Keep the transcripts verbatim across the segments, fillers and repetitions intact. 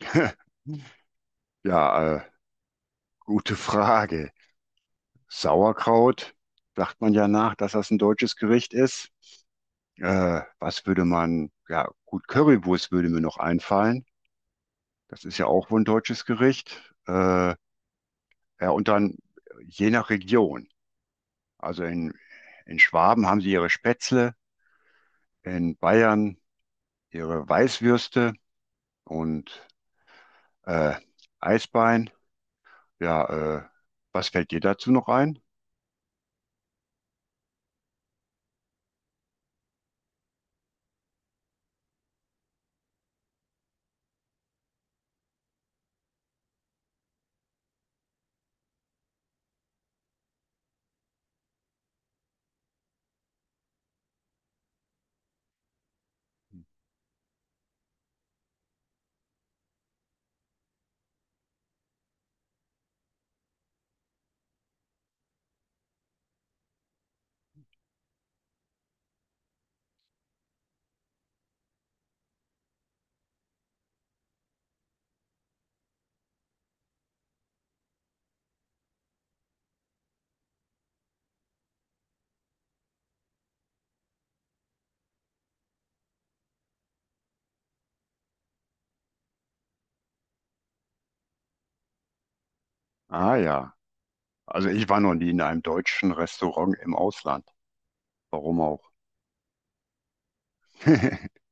Ja, äh, Gute Frage. Sauerkraut, sagt man ja nach, dass das ein deutsches Gericht ist. Äh, was würde man, ja, gut, Currywurst würde mir noch einfallen. Das ist ja auch wohl ein deutsches Gericht. Äh, ja, und dann je nach Region. Also in, in Schwaben haben sie ihre Spätzle, in Bayern ihre Weißwürste und äh, Eisbein. Ja, äh, Was fällt dir dazu noch ein? Ah ja. Also ich war noch nie in einem deutschen Restaurant im Ausland. Warum auch?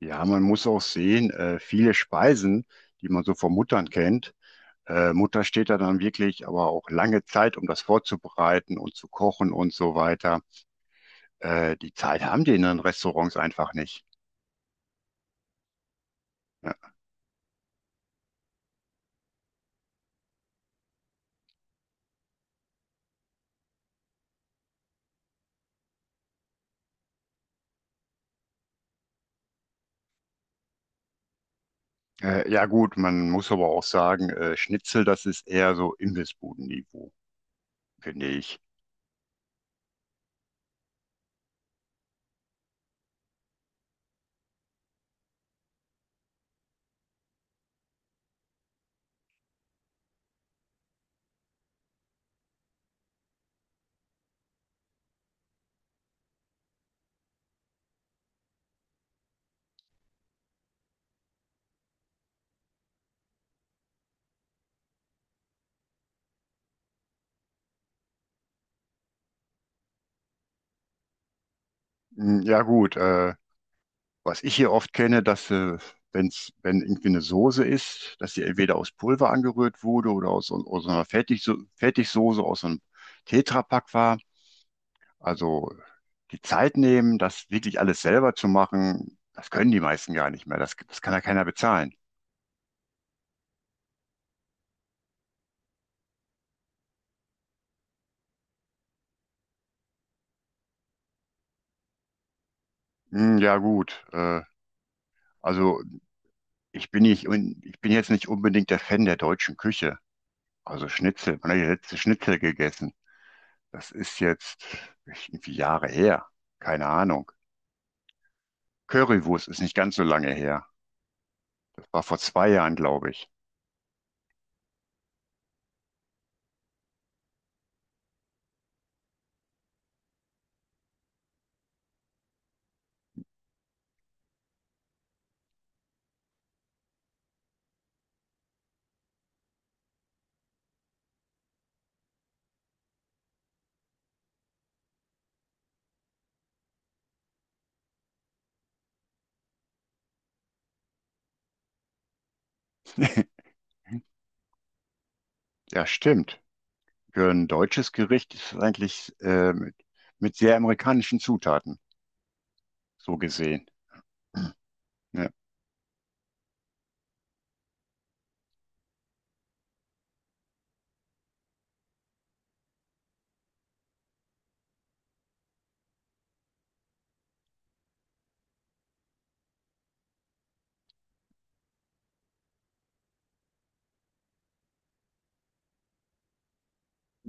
Ja, man muss auch sehen, äh, viele Speisen, die man so von Muttern kennt, äh, Mutter steht da dann wirklich aber auch lange Zeit, um das vorzubereiten und zu kochen und so weiter. Äh, die Zeit haben die in den Restaurants einfach nicht. Ja. Äh, ja gut, man muss aber auch sagen, äh, Schnitzel, das ist eher so Imbissbuden-Niveau, finde ich. Hm, ja gut, äh, was ich hier oft kenne, dass äh, wenn's, wenn irgendwie eine Soße ist, dass sie entweder aus Pulver angerührt wurde oder aus, so- aus so einer Fertigso Fertigsoße, aus einem Tetrapack war. Also die Zeit nehmen, das wirklich alles selber zu machen, das können die meisten gar nicht mehr. Das, das kann ja keiner bezahlen. Hm, ja gut, äh, also ich bin nicht, un- ich bin jetzt nicht unbedingt der Fan der deutschen Küche. Also Schnitzel, man hat ja letzte Schnitzel gegessen. Das ist jetzt irgendwie Jahre her. Keine Ahnung. Currywurst ist nicht ganz so lange her. Das war vor zwei Jahren, glaube ich. Ja, stimmt. Für ein deutsches Gericht ist es eigentlich äh, mit, mit sehr amerikanischen Zutaten, so gesehen. Ja.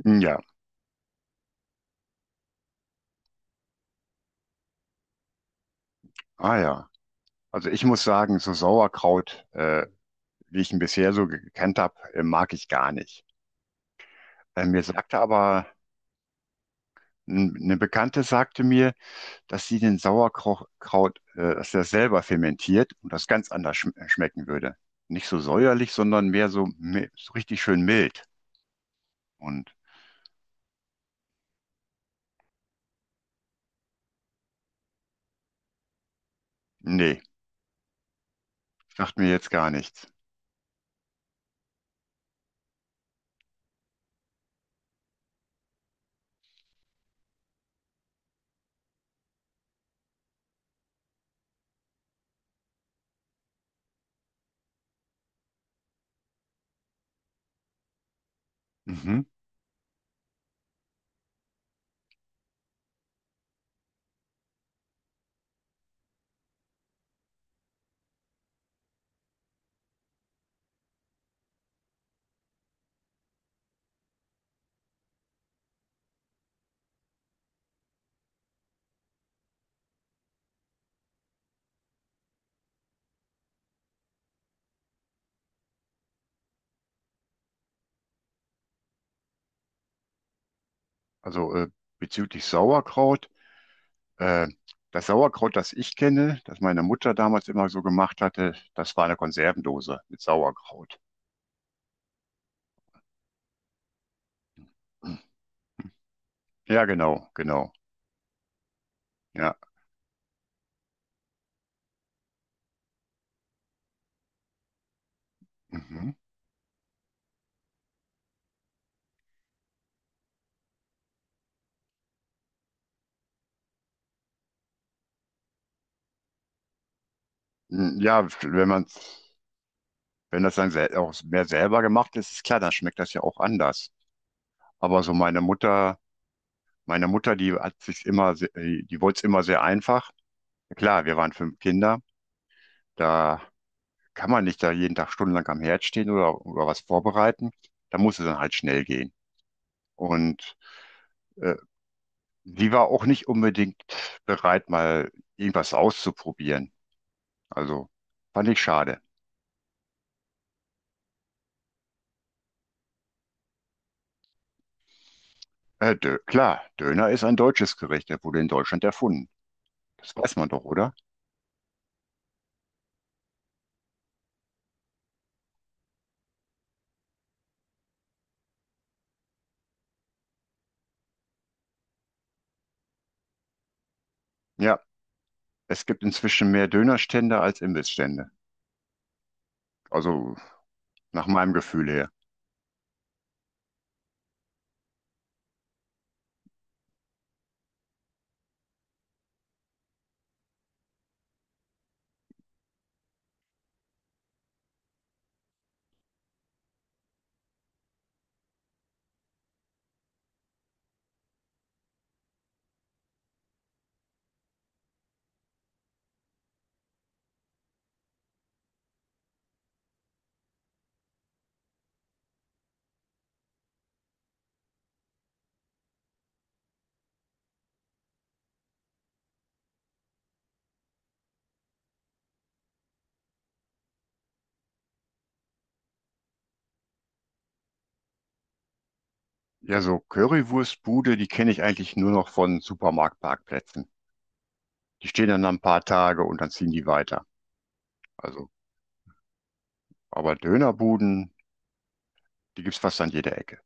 Hm, ja, ah ja. Also ich muss sagen, so Sauerkraut, äh, wie ich ihn bisher so gekannt habe, äh, mag ich gar nicht. Äh, mir sagte aber, n- Eine Bekannte sagte mir, dass sie den Sauerkraut, äh, dass er selber fermentiert und das ganz anders schm schmecken würde. Nicht so säuerlich, sondern mehr so, mi- so richtig schön mild. Und nee, sagt mir jetzt gar nichts. Mhm. Also äh, bezüglich Sauerkraut, äh, das Sauerkraut, das ich kenne, das meine Mutter damals immer so gemacht hatte, das war eine Konservendose mit Sauerkraut. Ja, genau, genau. Ja, mhm. Ja, wenn man, wenn das dann sel- auch mehr selber gemacht ist, ist klar, dann schmeckt das ja auch anders. Aber so meine Mutter, meine Mutter, die hat sich immer, se- äh, die wollte es immer sehr einfach. Klar, wir waren fünf Kinder, da kann man nicht da jeden Tag stundenlang am Herd stehen oder, oder was vorbereiten. Da muss es dann halt schnell gehen. Und äh, sie war auch nicht unbedingt bereit, mal irgendwas auszuprobieren. Also fand ich schade. Äh, Dö Klar, Döner ist ein deutsches Gericht, der wurde in Deutschland erfunden. Das weiß man doch, oder? Ja, es gibt inzwischen mehr Dönerstände als Imbissstände. Also nach meinem Gefühl her. Ja, so Currywurstbude, die kenne ich eigentlich nur noch von Supermarktparkplätzen. Die stehen dann ein paar Tage und dann ziehen die weiter. Also, aber Dönerbuden, die gibt's fast an jeder Ecke.